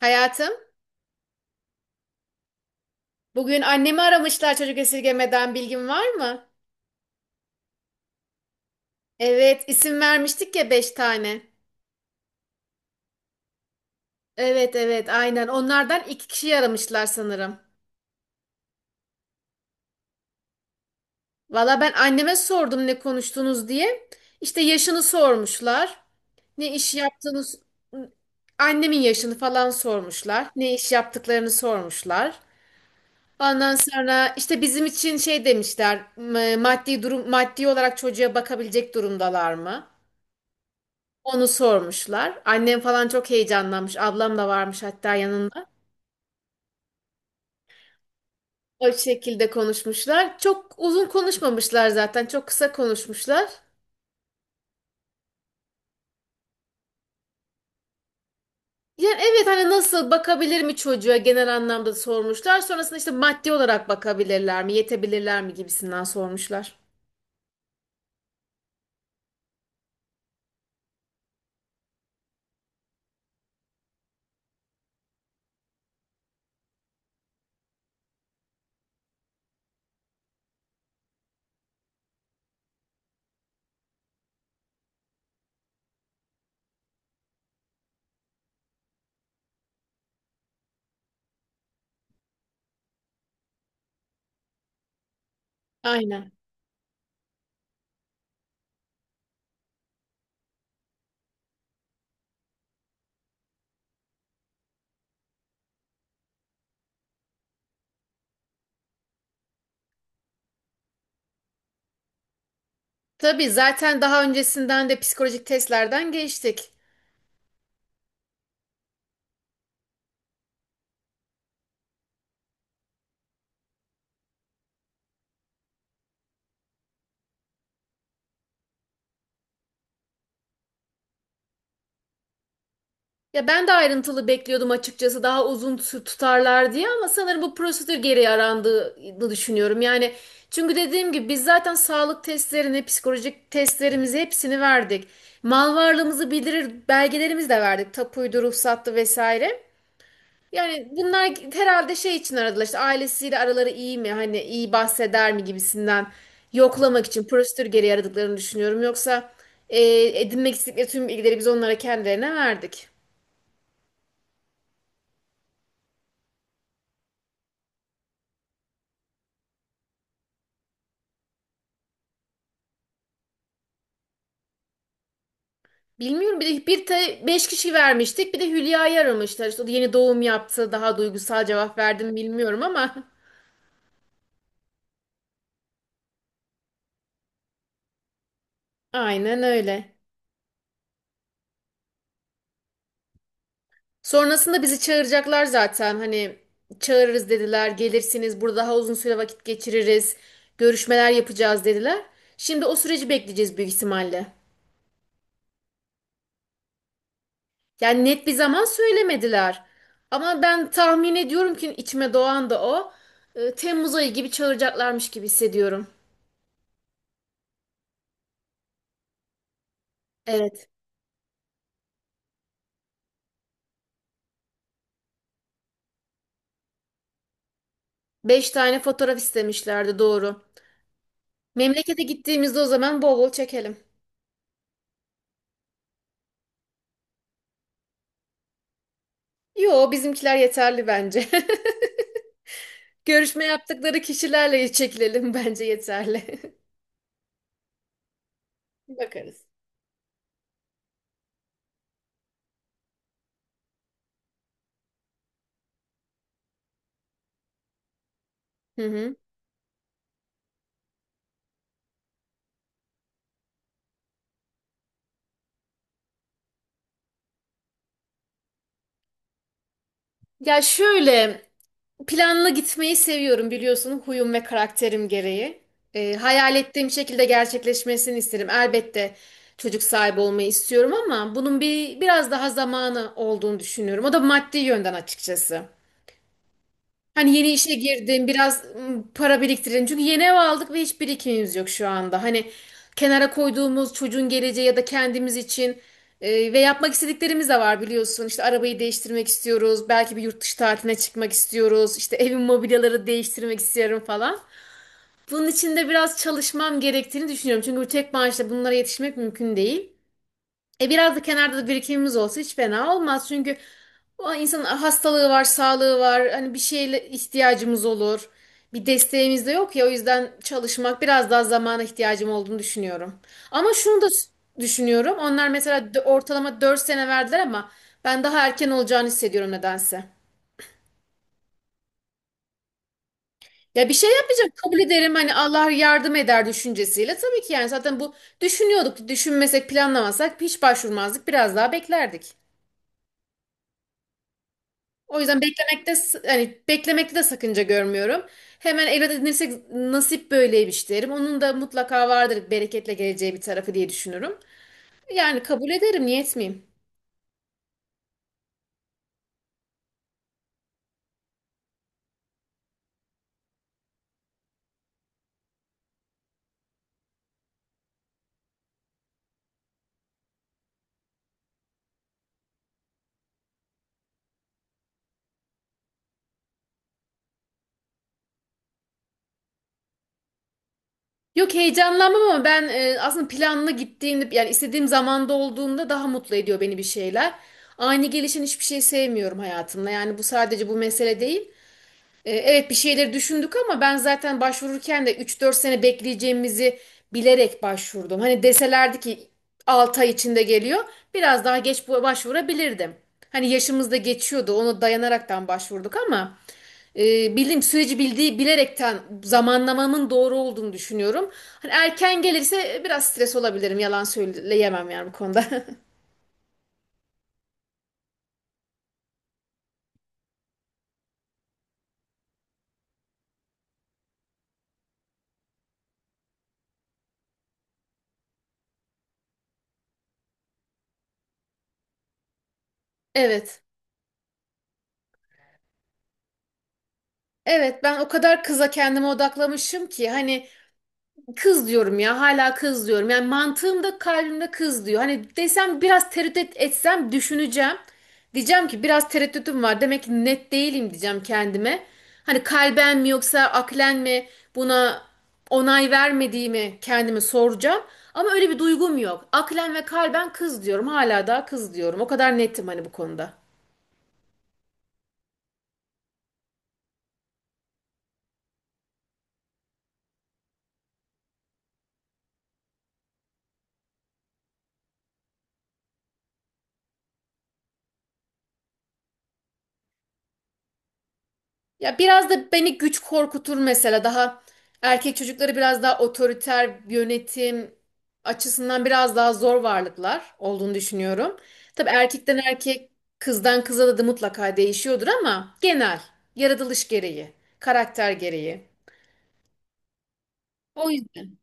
Hayatım, bugün annemi aramışlar çocuk esirgemeden bilgin var mı? Evet, isim vermiştik ya 5 tane. Evet evet aynen onlardan 2 kişi aramışlar sanırım. Valla ben anneme sordum ne konuştunuz diye. İşte yaşını sormuşlar. Ne iş yaptığınız... Annemin yaşını falan sormuşlar. Ne iş yaptıklarını sormuşlar. Ondan sonra işte bizim için şey demişler. Maddi olarak çocuğa bakabilecek durumdalar mı? Onu sormuşlar. Annem falan çok heyecanlanmış. Ablam da varmış hatta yanında. O şekilde konuşmuşlar. Çok uzun konuşmamışlar zaten. Çok kısa konuşmuşlar. Yani evet hani nasıl bakabilir mi çocuğa genel anlamda sormuşlar. Sonrasında işte maddi olarak bakabilirler mi, yetebilirler mi gibisinden sormuşlar. Aynen. Tabii zaten daha öncesinden de psikolojik testlerden geçtik. Ya ben de ayrıntılı bekliyordum açıkçası, daha uzun tutarlar diye, ama sanırım bu prosedür geri arandığını düşünüyorum. Yani çünkü dediğim gibi biz zaten sağlık testlerini, psikolojik testlerimizi hepsini verdik. Mal varlığımızı bildirir belgelerimizi de verdik. Tapuydu, ruhsattı vesaire. Yani bunlar herhalde şey için aradılar, işte ailesiyle araları iyi mi, hani iyi bahseder mi gibisinden yoklamak için prosedür geri aradıklarını düşünüyorum. Yoksa e, edinmek istedikleri tüm bilgileri biz onlara kendilerine verdik. Bilmiyorum, bir de 5 kişi vermiştik, bir de Hülya'yı aramışlar. İşte o da yeni doğum yaptı, daha duygusal cevap verdim bilmiyorum ama. Aynen öyle. Sonrasında bizi çağıracaklar zaten, hani çağırırız dediler, gelirsiniz burada daha uzun süre vakit geçiririz, görüşmeler yapacağız dediler. Şimdi o süreci bekleyeceğiz büyük ihtimalle. Yani net bir zaman söylemediler. Ama ben tahmin ediyorum ki içime doğan da o. Temmuz ayı gibi çağıracaklarmış gibi hissediyorum. Evet. 5 tane fotoğraf istemişlerdi, doğru. Memlekete gittiğimizde o zaman bol bol çekelim. Yo, bizimkiler yeterli bence. Görüşme yaptıkları kişilerle çekilelim, bence yeterli. Bakarız. Hı hı. Ya şöyle, planlı gitmeyi seviyorum biliyorsun, huyum ve karakterim gereği. Hayal ettiğim şekilde gerçekleşmesini isterim. Elbette çocuk sahibi olmayı istiyorum ama bunun biraz daha zamanı olduğunu düşünüyorum. O da maddi yönden açıkçası. Hani yeni işe girdim, biraz para biriktirelim. Çünkü yeni ev aldık ve hiç birikimimiz yok şu anda. Hani kenara koyduğumuz çocuğun geleceği ya da kendimiz için ve yapmak istediklerimiz de var biliyorsun. İşte arabayı değiştirmek istiyoruz, belki bir yurt dışı tatiline çıkmak istiyoruz, işte evin mobilyaları değiştirmek istiyorum falan. Bunun için de biraz çalışmam gerektiğini düşünüyorum. Çünkü bu tek maaşla bunlara yetişmek mümkün değil. Biraz da kenarda da birikimimiz olsa hiç fena olmaz. Çünkü o, insanın hastalığı var, sağlığı var. Hani bir şeyle ihtiyacımız olur. Bir desteğimiz de yok ya, o yüzden çalışmak, biraz daha zamana ihtiyacım olduğunu düşünüyorum. Ama şunu da düşünüyorum. Onlar mesela ortalama 4 sene verdiler ama ben daha erken olacağını hissediyorum nedense. Ya bir şey yapmayacağım, kabul ederim hani, Allah yardım eder düşüncesiyle. Tabii ki yani zaten bu düşünüyorduk. Düşünmesek planlamasak hiç başvurmazdık, biraz daha beklerdik. O yüzden beklemekte hani beklemekte de sakınca görmüyorum. Hemen evlat edinirsek nasip böyleymiş derim. Onun da mutlaka vardır bereketle geleceği bir tarafı diye düşünürüm. Yani kabul ederim, niye etmeyeyim? Yok, heyecanlanmam ama ben aslında planlı gittiğimde, yani istediğim zamanda olduğunda daha mutlu ediyor beni bir şeyler. Ani gelişen hiçbir şey sevmiyorum hayatımda. Yani bu sadece bu mesele değil. Evet, bir şeyleri düşündük ama ben zaten başvururken de 3-4 sene bekleyeceğimizi bilerek başvurdum. Hani deselerdi ki 6 ay içinde geliyor, biraz daha geç başvurabilirdim. Hani yaşımız da geçiyordu, ona dayanaraktan başvurduk ama bildiğim süreci bilerekten, zamanlamamın doğru olduğunu düşünüyorum. Hani erken gelirse biraz stres olabilirim, yalan söyleyemem yani bu konuda. Evet. Evet, ben o kadar kıza, kendime odaklamışım ki hani, kız diyorum ya, hala kız diyorum. Yani mantığımda, kalbimde kız diyor. Hani desem biraz, tereddüt etsem düşüneceğim. Diyeceğim ki biraz tereddütüm var. Demek ki net değilim diyeceğim kendime. Hani kalben mi yoksa aklen mi buna onay vermediğimi kendime soracağım. Ama öyle bir duygum yok. Aklen ve kalben kız diyorum. Hala daha kız diyorum. O kadar netim hani bu konuda. Ya biraz da beni güç korkutur mesela. Daha, erkek çocukları biraz daha otoriter, yönetim açısından biraz daha zor varlıklar olduğunu düşünüyorum. Tabii erkekten erkek, kızdan kıza da mutlaka değişiyordur ama genel yaratılış gereği, karakter gereği. O yüzden.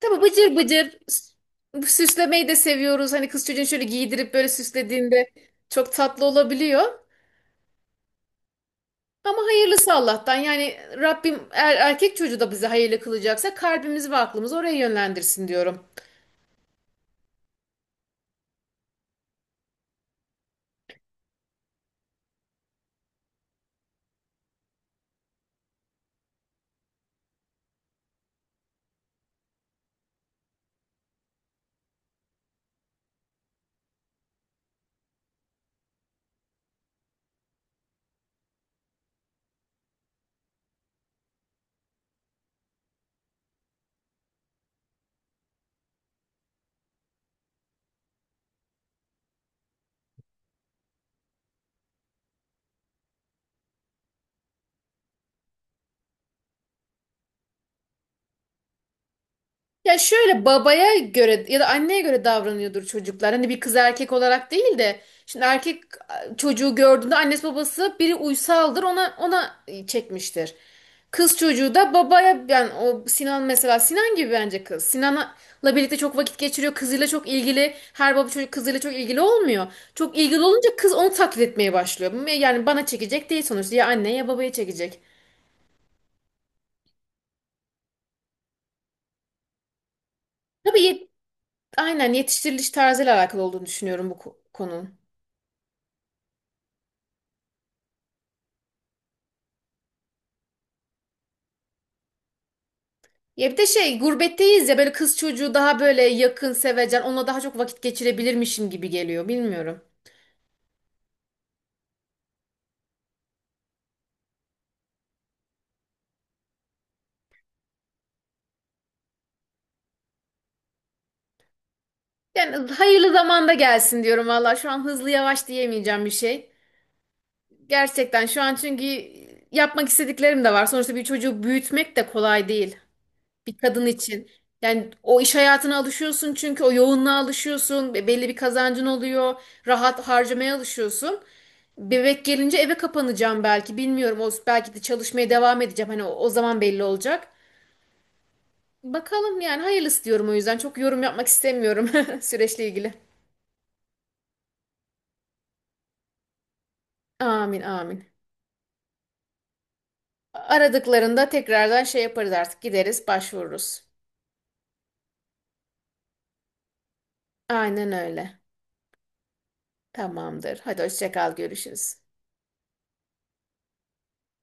Tabii bıcır bıcır bu süslemeyi de seviyoruz. Hani kız çocuğunu şöyle giydirip böyle süslediğinde çok tatlı olabiliyor. Ama hayırlısı Allah'tan. Yani Rabbim erkek çocuğu da bizi hayırlı kılacaksa kalbimizi ve aklımızı oraya yönlendirsin diyorum. Ya şöyle, babaya göre ya da anneye göre davranıyordur çocuklar. Hani bir kız, erkek olarak değil de, şimdi erkek çocuğu gördüğünde annesi babası biri uysaldır, ona çekmiştir. Kız çocuğu da babaya, yani o Sinan mesela, Sinan gibi bence kız. Sinan'la birlikte çok vakit geçiriyor. Kızıyla çok ilgili. Her baba çocuk kızıyla çok ilgili olmuyor. Çok ilgili olunca kız onu taklit etmeye başlıyor. Yani bana çekecek değil sonuçta. Ya anne ya babaya çekecek. Tabii aynen yetiştiriliş tarzıyla alakalı olduğunu düşünüyorum bu konunun. Ya bir de şey, gurbetteyiz ya, böyle kız çocuğu daha böyle yakın, sevecen, onunla daha çok vakit geçirebilirmişim gibi geliyor, bilmiyorum. Yani hayırlı zamanda gelsin diyorum valla, şu an hızlı yavaş diyemeyeceğim bir şey. Gerçekten şu an, çünkü yapmak istediklerim de var. Sonuçta bir çocuğu büyütmek de kolay değil bir kadın için. Yani o iş hayatına alışıyorsun, çünkü o yoğunluğa alışıyorsun. Belli bir kazancın oluyor. Rahat harcamaya alışıyorsun. Bebek gelince eve kapanacağım belki, bilmiyorum. O belki de çalışmaya devam edeceğim. Hani o zaman belli olacak. Bakalım yani, hayırlısı diyorum o yüzden. Çok yorum yapmak istemiyorum süreçle ilgili. Amin amin. Aradıklarında tekrardan şey yaparız artık. Gideriz, başvururuz. Aynen öyle. Tamamdır. Hadi hoşça kal, görüşürüz.